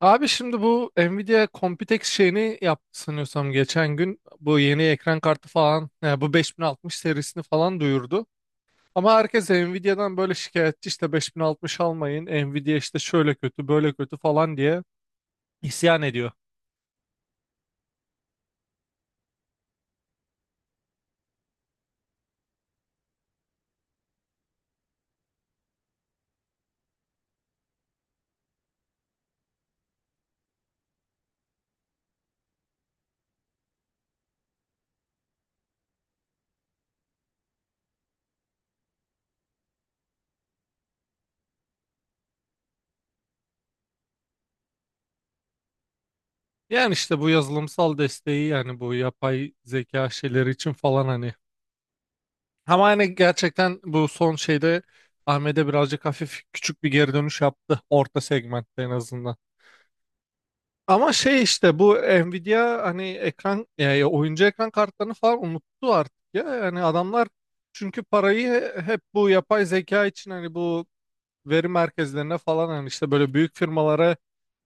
Abi, şimdi bu Nvidia Computex şeyini yaptı sanıyorsam geçen gün. Bu yeni ekran kartı falan, yani bu 5060 serisini falan duyurdu. Ama herkes Nvidia'dan böyle şikayetçi, işte 5060 almayın, Nvidia işte şöyle kötü, böyle kötü falan diye isyan ediyor. Yani işte bu yazılımsal desteği, yani bu yapay zeka şeyleri için falan hani. Ama hani gerçekten bu son şeyde AMD birazcık hafif, küçük bir geri dönüş yaptı. Orta segmentte en azından. Ama şey, işte bu Nvidia hani ekran, yani oyuncu ekran kartlarını falan unuttu artık ya. Yani adamlar çünkü parayı hep bu yapay zeka için, hani bu veri merkezlerine falan, hani işte böyle büyük firmalara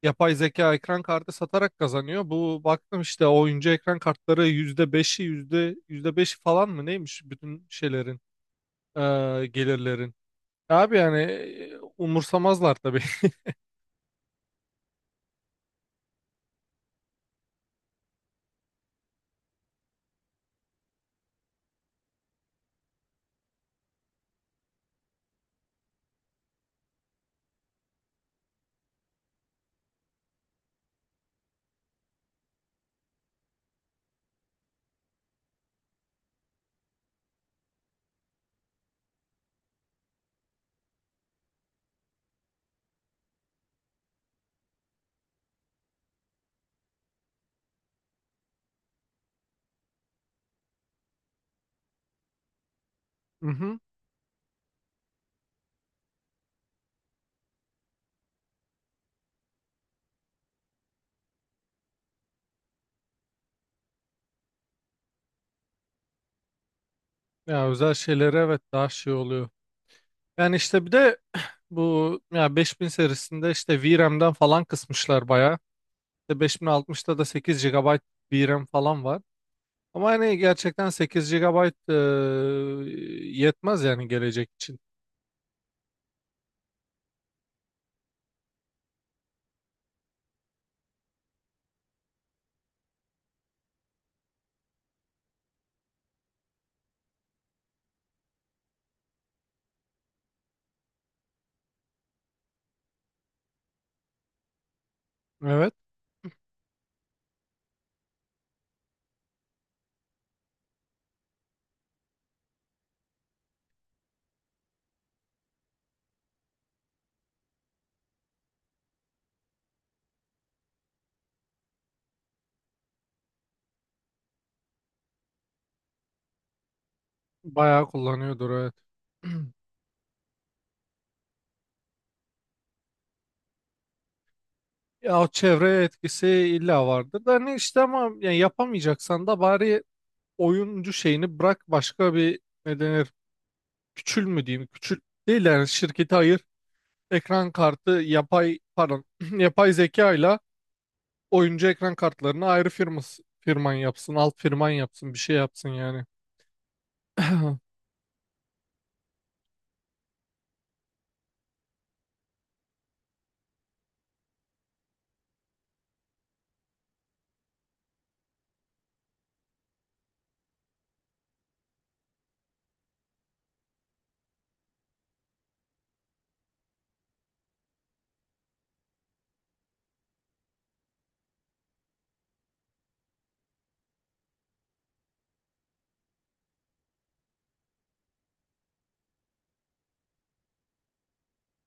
yapay zeka ekran kartı satarak kazanıyor. Bu baktım, işte oyuncu ekran kartları yüzde beşi, yüzde beşi falan mı neymiş, bütün şeylerin, gelirlerin. Abi yani, umursamazlar tabii. Hı hı. Ya özel şeylere, evet, daha şey oluyor. Yani işte bir de, bu ya, 5000 serisinde işte VRAM'den falan kısmışlar bayağı. İşte 5060'ta da 8 GB VRAM falan var. Ama hani gerçekten 8 GB yetmez yani, gelecek için. Evet. Bayağı kullanıyordur, evet. Ya, o çevreye etkisi illa vardır da hani, işte ama yani yapamayacaksan da bari oyuncu şeyini bırak, başka bir, ne denir, küçül mü diyeyim? Küçül değil yani, şirketi ayır, ekran kartı yapay, pardon, yapay zeka ile oyuncu ekran kartlarını ayrı, firması firman yapsın, alt firman yapsın, bir şey yapsın yani.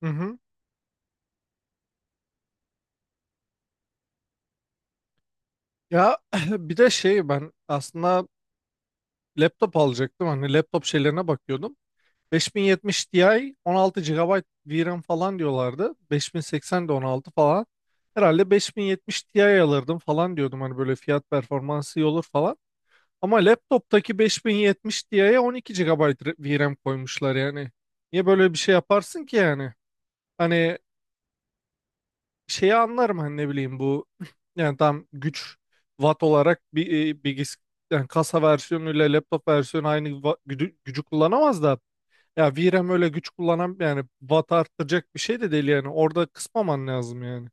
Hı hı. Ya, bir de şey, ben aslında laptop alacaktım, hani laptop şeylerine bakıyordum. 5070 Ti 16 gigabayt VRAM falan diyorlardı. 5080 de 16 falan. Herhalde 5070 Ti alırdım falan diyordum, hani böyle fiyat performansı iyi olur falan. Ama laptoptaki 5070 Ti'ye 12 GB VRAM koymuşlar yani. Niye böyle bir şey yaparsın ki yani? Hani şeyi anlarım, hani ne bileyim, bu yani tam güç, watt olarak bir e, bilgis yani kasa versiyonuyla laptop versiyonu aynı gücü kullanamaz da, ya VRAM öyle güç kullanan, yani watt arttıracak bir şey de değil yani. Orada kısmaman lazım yani.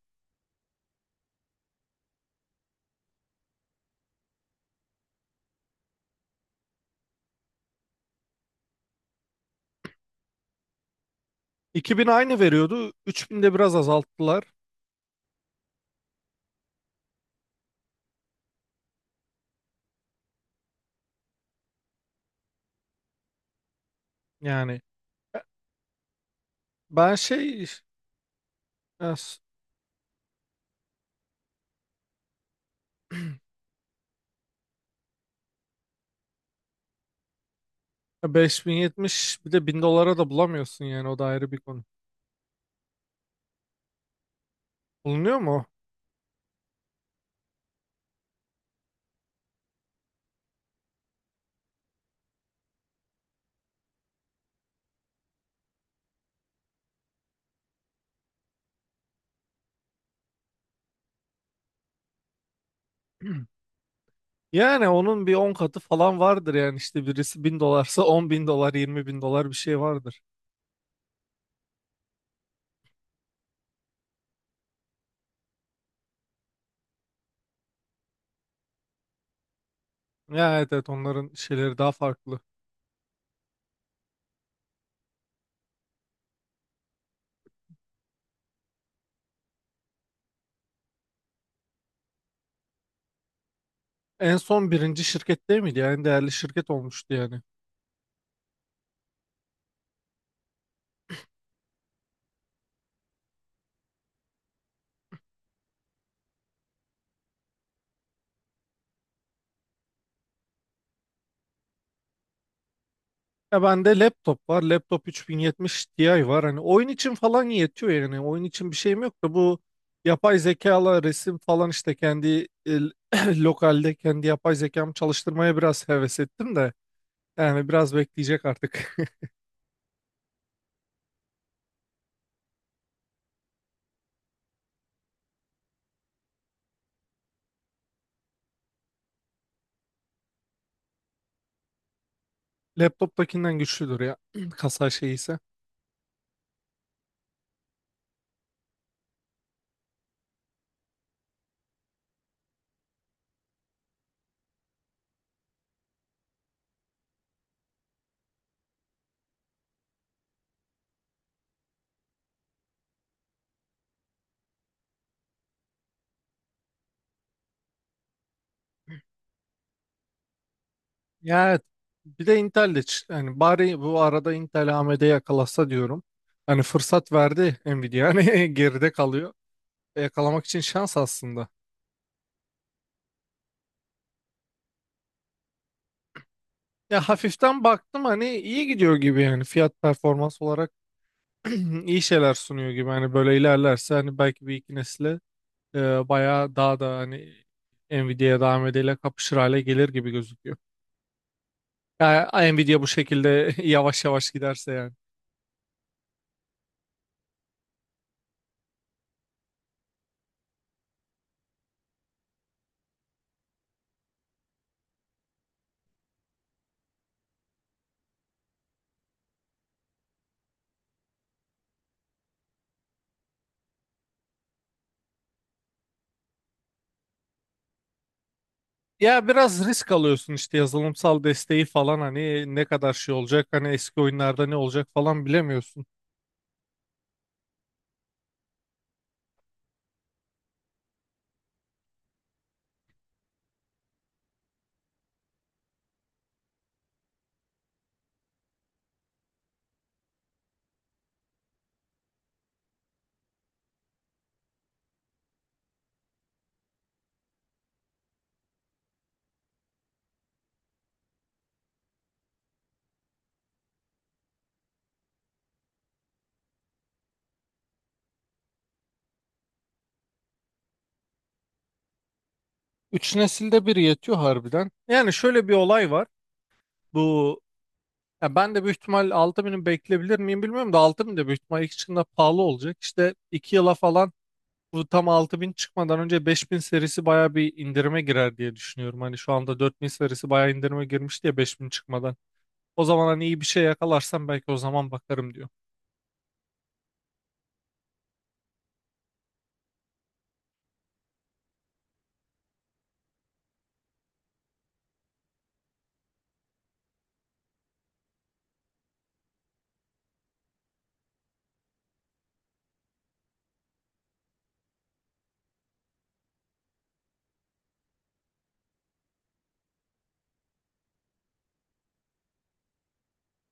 2000 aynı veriyordu, 3000'de biraz azalttılar. Yani ben şey, ya 5070 bir de 1000 dolara da bulamıyorsun, yani o da ayrı bir konu. Bulunuyor mu o? Yani onun bir 10 katı falan vardır yani, işte birisi 1000 dolarsa $10.000, $20.000 bir şey vardır. Ya, evet evet, onların şeyleri daha farklı. En son birinci şirket değil miydi? Yani en değerli şirket olmuştu yani. Ya bende laptop var. Laptop 3070 Ti var. Hani oyun için falan yetiyor yani. Oyun için bir şeyim yok da, bu yapay zekalı resim falan işte, kendi lokalde kendi yapay zekamı çalıştırmaya biraz heves ettim de. Yani biraz bekleyecek artık. Laptoptakinden güçlüdür ya. Kasa şeyi ise. Ya evet. Bir de Intel de hani, bari bu arada Intel, AMD yakalasa diyorum. Hani fırsat verdi Nvidia. Hani geride kalıyor. Yakalamak için şans aslında. Ya hafiften baktım, hani iyi gidiyor gibi yani fiyat performans olarak, iyi şeyler sunuyor gibi, hani böyle ilerlerse hani belki bir iki nesle bayağı daha da hani Nvidia'ya, daha AMD'yle kapışır hale gelir gibi gözüküyor. Ya Nvidia bu şekilde yavaş yavaş giderse yani. Ya biraz risk alıyorsun işte, yazılımsal desteği falan hani ne kadar şey olacak, hani eski oyunlarda ne olacak falan, bilemiyorsun. Üç nesilde bir yetiyor harbiden. Yani şöyle bir olay var. Bu Ya ben de büyük ihtimal 6000'i bekleyebilir miyim bilmiyorum da, 6000 de büyük ihtimal ilk çıktığında pahalı olacak. İşte 2 yıla falan, bu tam 6000 çıkmadan önce 5000 serisi baya bir indirime girer diye düşünüyorum. Hani şu anda 4000 serisi baya indirime girmiş diye, 5000 çıkmadan. O zaman hani iyi bir şey yakalarsam belki o zaman bakarım diyor.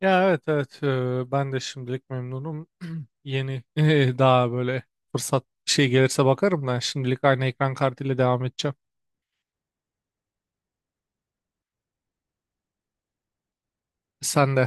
Ya, evet evet, ben de şimdilik memnunum. Yeni daha böyle fırsat bir şey gelirse bakarım, ben şimdilik aynı ekran kartıyla devam edeceğim. Sen de.